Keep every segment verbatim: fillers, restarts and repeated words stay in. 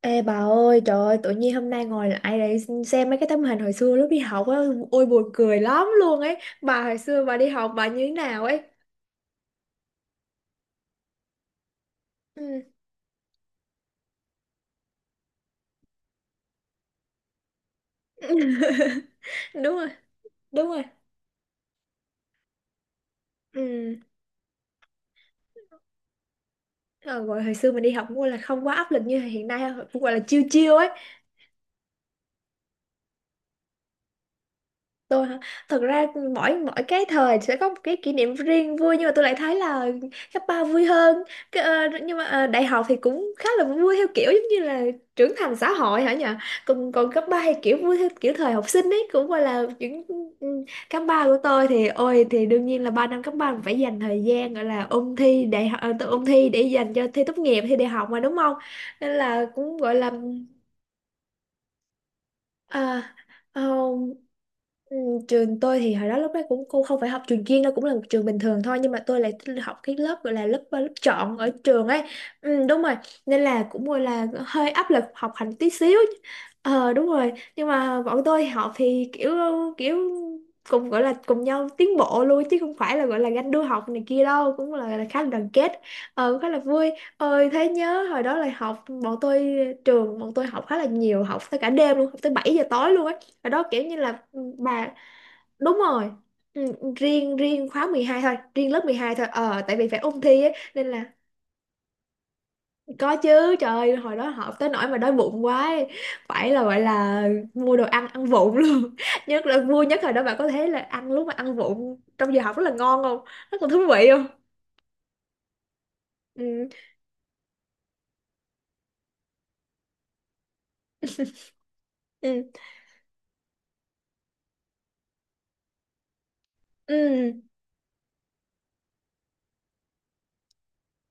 Ê bà ơi, trời ơi, tự nhiên hôm nay ngồi lại để xem mấy cái tấm hình hồi xưa lúc đi học á, ôi buồn cười lắm luôn ấy. Bà hồi xưa bà đi học bà như thế nào ấy? Ừ. Đúng rồi, đúng rồi. Ừ. Ờ, gọi hồi xưa mình đi học cũng là không quá áp lực như hiện nay, cũng gọi là chiêu chiêu ấy. Tôi hả? Thật ra mỗi mỗi cái thời sẽ có một cái kỷ niệm riêng vui, nhưng mà tôi lại thấy là cấp ba vui hơn cái, ờ, nhưng mà ờ, đại học thì cũng khá là vui theo kiểu giống như là trưởng thành xã hội hả nhỉ. Còn còn cấp ba thì kiểu vui theo kiểu thời học sinh ấy, cũng gọi là những ừ, cấp ba của tôi thì ôi thì đương nhiên là ba năm cấp ba phải dành thời gian gọi là ôn thi đại học, ờ, tự ôn thi để dành cho thi tốt nghiệp, thi đại học mà đúng không, nên là cũng gọi là. À, không, ừ, trường tôi thì hồi đó lúc đó cũng cô không phải học trường chuyên đâu, cũng là một trường bình thường thôi, nhưng mà tôi lại học cái lớp gọi là lớp lớp chọn ở trường ấy. Ừ, đúng rồi. Nên là cũng gọi là hơi áp lực học hành tí xíu. Ờ đúng rồi, nhưng mà bọn tôi học thì kiểu kiểu cùng gọi là cùng nhau tiến bộ luôn, chứ không phải là gọi là ganh đua học này kia đâu, cũng là, là khá là đoàn kết. Ờ cũng khá là vui. Ôi thế nhớ hồi đó là học bọn tôi, trường bọn tôi học khá là nhiều, học tới cả đêm luôn, học tới bảy giờ tối luôn ấy. Hồi đó kiểu như là ừ, bà đúng rồi. Ừ, riêng riêng khóa mười hai thôi, riêng lớp mười hai thôi, ờ tại vì phải ôn thi ấy, nên là có chứ. Trời ơi hồi đó học tới nỗi mà đói bụng quá ấy. Phải là gọi là mua đồ ăn ăn vụng luôn. Nhất là vui nhất hồi đó, bạn có thấy là ăn lúc mà ăn vụng trong giờ học rất là ngon không, rất là thú vị không? Ừ. Ừ. Ừ.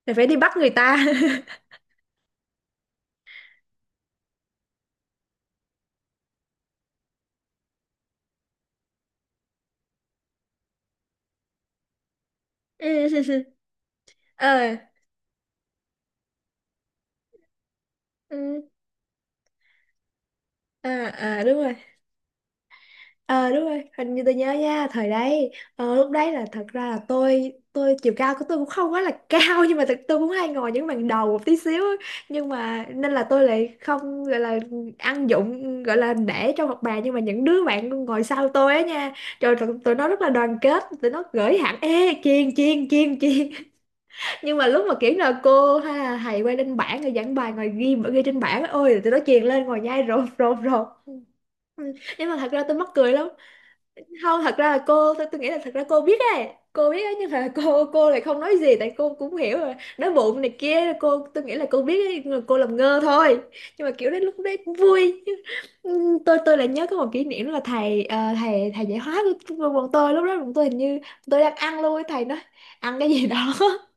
Là phải đi bắt người ta. Ừ. Ờ. Ừ, à à đúng rồi. Ờ đúng rồi, hình như tôi nhớ nha, thời đấy ờ, lúc đấy là thật ra là tôi tôi chiều cao của tôi cũng không quá là cao, nhưng mà thật tôi cũng hay ngồi những bàn đầu một tí xíu á. Nhưng mà nên là tôi lại không gọi là ăn dụng gọi là để trong học bài, nhưng mà những đứa bạn ngồi sau tôi á nha, trời tụi, tụi nó rất là đoàn kết, tụi nó gửi hẳn ê chiên chiên chiên chiên. Nhưng mà lúc mà kiểu là cô hay là thầy quay lên bảng rồi giảng bài ngồi ghi ghi trên bảng á, ôi là tụi nó truyền lên ngồi nhai rộp rộp rộp. Ừ, nhưng mà thật ra tôi mắc cười lắm. Không thật ra là cô tôi, tôi nghĩ là thật ra cô biết ấy, cô biết ấy, nhưng mà cô cô lại không nói gì, tại cô cũng hiểu rồi nói bụng này kia, cô tôi nghĩ là cô biết ấy, nhưng mà cô làm ngơ thôi. Nhưng mà kiểu đấy lúc đấy cũng vui. Ừ, tôi tôi lại nhớ có một kỷ niệm là thầy ờ, thầy thầy dạy hóa của của bọn tôi. Lúc đó bọn tôi hình như tôi đang ăn luôn ấy, thầy nói ăn cái gì đó.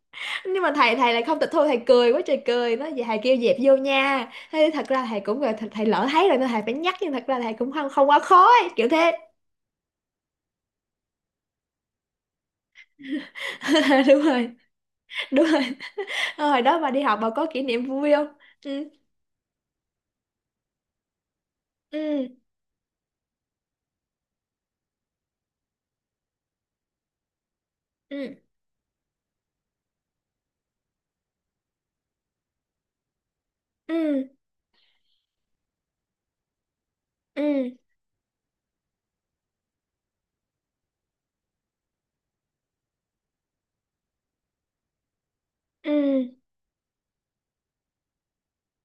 Nhưng mà thầy thầy lại không tịch thu, thầy cười quá trời cười nó vậy, thầy kêu dẹp vô nha. Thế thật ra thầy cũng là thầy, thầy lỡ thấy rồi nên thầy phải nhắc, nhưng thật ra thầy cũng không không quá khó ấy, kiểu thế. Đúng rồi, đúng rồi. Ờ, hồi đó bà đi học bà có kỷ niệm vui không? Ừ. Ừ. Ừ. Ừ. Ừ. Ừ.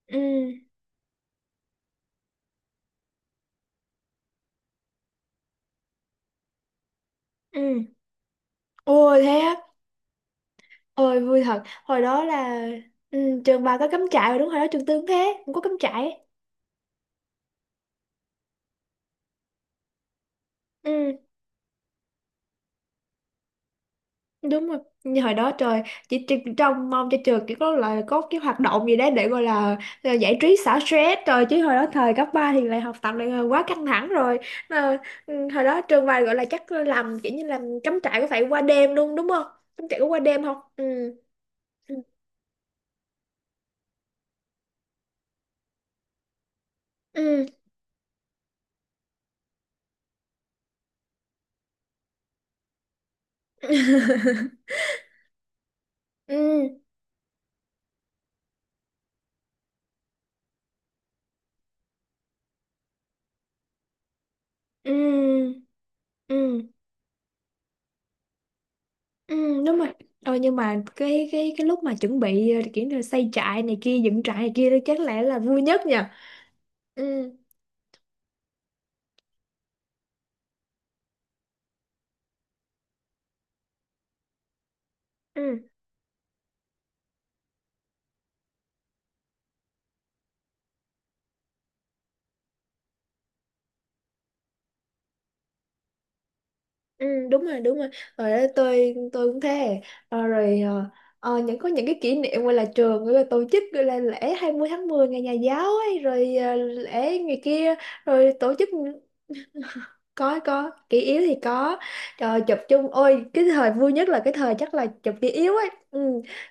Ừ. Ừ. Ôi thế á. Ôi vui thật hồi đó là. Ừ, trường bà có cắm trại rồi đúng, hồi đó trường tư cũng thế cũng có cắm trại. Ừ đúng rồi. Như hồi đó trời chỉ, chỉ trông mong cho trường chỉ có là có cái hoạt động gì đấy để gọi là, là giải trí xả stress rồi, chứ hồi đó thời cấp ba thì lại học tập lại ờ, quá căng thẳng rồi. Ờ, ừ, hồi đó trường bài gọi là chắc làm kiểu như làm cắm trại có phải qua đêm luôn đúng không, cắm trại có qua đêm không? Ừ. Ừ. Ừ. Ừ. Ừ. Ừ đúng rồi. Ờ, nhưng mà cái cái cái lúc mà chuẩn bị ờ, kiểu như là xây trại này kia, dựng trại này kia đó chắc lẽ là vui nhất nhỉ. Ừ. Ừ. Ừ, đúng rồi đúng rồi. Rồi đó, tôi tôi cũng thế. Ờ, rồi ờ, ờ, những có những cái kỷ niệm gọi là trường gọi là tổ chức gọi là lễ hai mươi tháng mười ngày nhà giáo ấy, rồi ờ, lễ ngày kia rồi tổ chức. có có kỷ yếu thì có. Rồi chụp chung, ôi cái thời vui nhất là cái thời chắc là chụp kỷ yếu ấy. Ừ,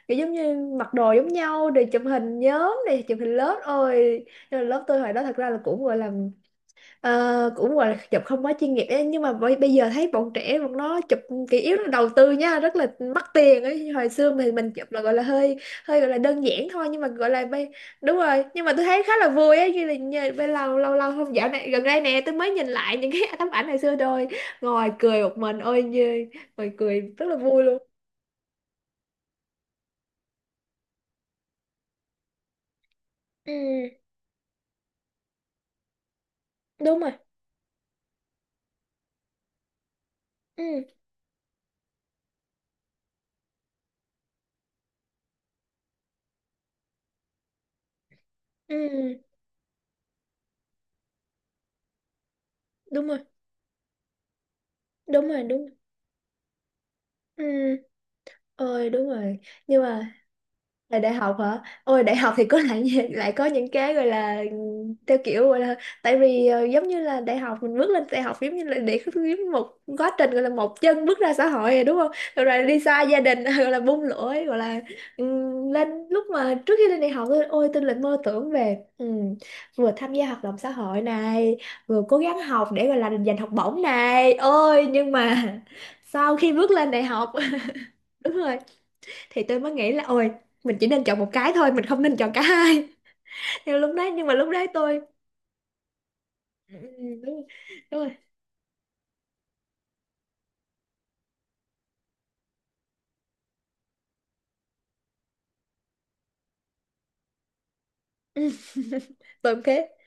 kiểu giống như mặc đồ giống nhau rồi chụp hình nhóm này chụp hình lớp ôi. Nhưng mà lớp tôi hồi đó thật ra là cũng gọi là. Ờ, cũng gọi là chụp không quá chuyên nghiệp ấy, nhưng mà bây, bây giờ thấy bọn trẻ bọn nó chụp ừ, kỹ yếu nó đầu tư nha, rất là mắc tiền ấy. Hồi xưa mình mình chụp là gọi là hơi hơi gọi là đơn giản thôi, nhưng mà gọi là bây đúng rồi. Nhưng mà tôi thấy khá là vui ấy, như là nhờ, bây lâu lâu lâu không, dạo này gần đây nè tôi mới nhìn lại những cái tấm ảnh hồi xưa rồi ngồi cười một mình ôi như ngồi cười rất là vui luôn. Ừ đúng rồi. Ừ. Ừ đúng rồi đúng rồi đúng. Ừ ôi đúng rồi. Nhưng mà là đại học hả? Ôi đại học thì có lại lại có những cái gọi là theo kiểu gọi là, tại vì ờ, giống như là đại học mình bước lên đại học giống như là để giống một quá trình gọi là một chân bước ra xã hội rồi đúng không, rồi, rồi đi xa gia đình gọi là bung lỗi gọi là ừm, lên lúc mà trước khi lên đại học tôi ôi tôi lại mơ tưởng về ừm, vừa tham gia hoạt động xã hội này, vừa cố gắng học để gọi là giành học bổng này ôi nhưng mà sau khi bước lên đại học. Đúng rồi. Thì tôi mới nghĩ là ôi mình chỉ nên chọn một cái thôi, mình không nên chọn cả hai. Nhưng lúc đấy, nhưng mà lúc đấy tôi ừ, ừ, đúng rồi, đúng rồi. Ừ. Tôi cũng thế.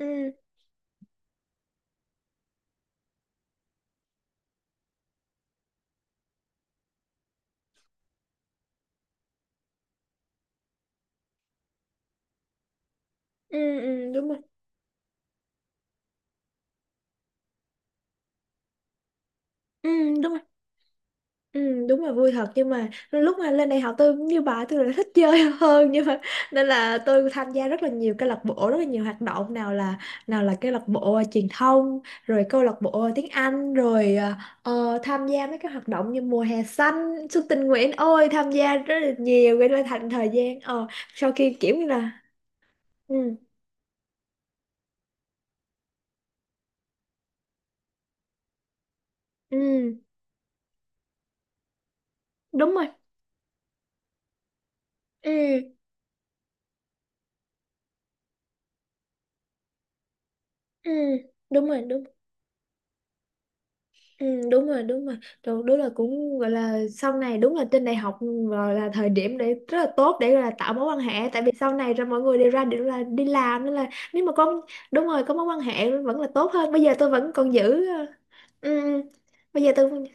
Ừ, ừ, ừ, đúng rồi. Ừ, đúng. Ừ, đúng là vui thật, nhưng mà lúc mà lên đại học tôi cũng như bà, tôi là thích chơi hơn, nhưng mà nên là tôi tham gia rất là nhiều câu lạc bộ, rất là nhiều hoạt động, nào là nào là câu lạc bộ à, truyền thông rồi câu lạc bộ à, tiếng Anh rồi à, ờ, tham gia mấy cái hoạt động như mùa hè xanh, xuân tình nguyện, ôi tham gia rất là nhiều, gây ra thành thời gian ờ sau khi kiểu như là. Ừ. Ừ đúng rồi. Ừ. Ừ đúng rồi đúng. Ừ, đúng rồi đúng rồi. Đúng, đúng là cũng gọi là sau này đúng là trên đại học rồi là thời điểm để rất là tốt để gọi là tạo mối quan hệ, tại vì sau này rồi mọi người đều ra đều là đi làm, nên là nếu mà có đúng rồi có mối quan hệ vẫn là tốt hơn. Bây giờ tôi vẫn còn giữ ờ, ừ, ừ. Bây giờ tôi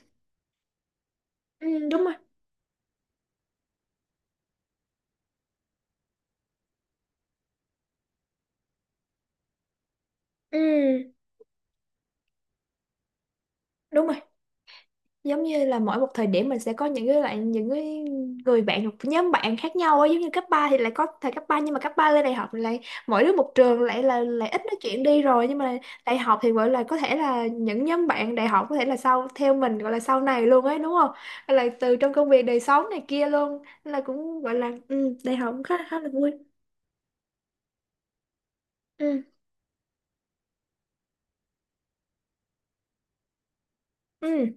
ừ, đúng rồi. Ừ, đúng rồi. Giống như là mỗi một thời điểm mình sẽ có những cái lại những cái người bạn hoặc nhóm bạn khác nhau ấy, giống như cấp ba thì lại có thời cấp ba, nhưng mà cấp ba lên đại học thì lại mỗi đứa một trường lại là lại ít nói chuyện đi rồi. Nhưng mà đại học thì gọi là có thể là những nhóm bạn đại học có thể là sau theo mình gọi là sau này luôn ấy đúng không, hay là từ trong công việc đời sống này kia luôn. Nên là cũng gọi là ừ, đại học khá khá là vui. Ừ. Ừ.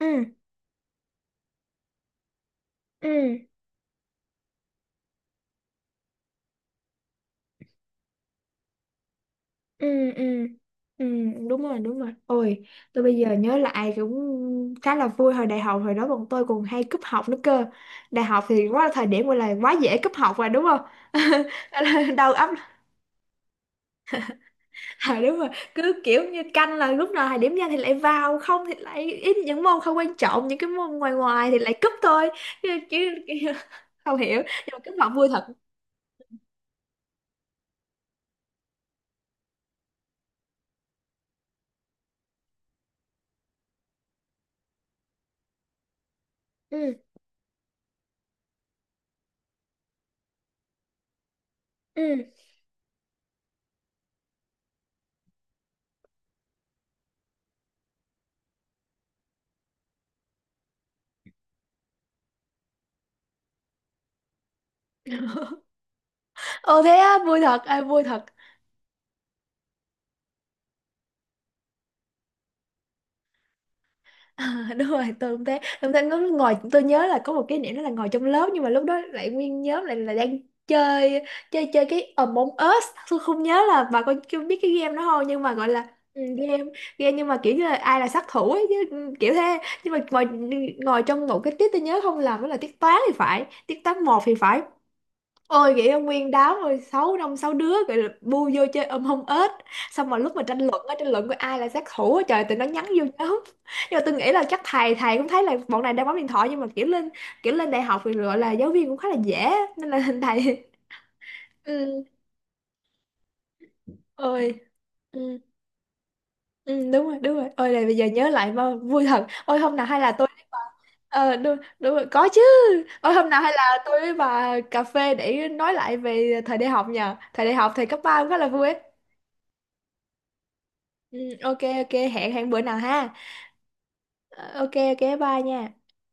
Ừ. Ừ. Ừ. Ừ. Ừ đúng rồi đúng rồi. Ôi tôi bây giờ nhớ lại cũng khá là vui hồi đại học, hồi đó bọn tôi còn hay cúp học nữa cơ. Đại học thì quá là thời điểm gọi là quá dễ cúp học rồi đúng không? Đầu óc. À, đúng rồi. Cứ kiểu như canh là lúc nào thời điểm ra thì lại vào, không thì lại ít những môn không quan trọng, những cái môn ngoài ngoài thì lại cúp thôi. Chứ, chứ không hiểu, nhưng mà cúp học vui thật. Ừ. Ừ. Ồ thế á, vui thật, à, vui thật. À, đúng rồi tôi cũng thế, tôi thấy ngồi ngồi- tôi nhớ là có một kỷ niệm đó là ngồi trong lớp, nhưng mà lúc đó lại nguyên nhóm lại là đang chơi chơi chơi cái Among Us. Tôi không nhớ là bà có chưa biết cái game đó không, nhưng mà gọi là ừ, game game nhưng mà kiểu như là ai là sát thủ ấy chứ ừ, kiểu thế. Nhưng mà ngồi ngồi trong một cái tiết, tôi nhớ không làm đó là tiết toán thì phải, tiết toán một thì phải. Ôi vậy ông nguyên đám rồi sáu năm sáu đứa gọi là bu vô chơi ôm hông ếch, xong mà lúc mà tranh luận á, tranh luận coi ai là sát thủ á, trời tụi nó nhắn vô nhóm. Nhưng mà tôi nghĩ là chắc thầy thầy cũng thấy là bọn này đang bấm điện thoại, nhưng mà kiểu lên kiểu lên đại học thì gọi là giáo viên cũng khá là dễ á, nên là thầy ừ ôi ừ, ừ đúng rồi đúng rồi. Ôi là bây giờ nhớ lại mà vui thật. Ôi hôm nào hay là tôi với bà ờ đúng, đúng rồi có chứ. Ôi hôm nào hay là tôi với bà cà phê để nói lại về thời đại học nhờ, thời đại học thời cấp ba cũng khá là vui ấy. Ừ, ok ok hẹn hẹn bữa nào ha. Ờ, ok ok bye nha.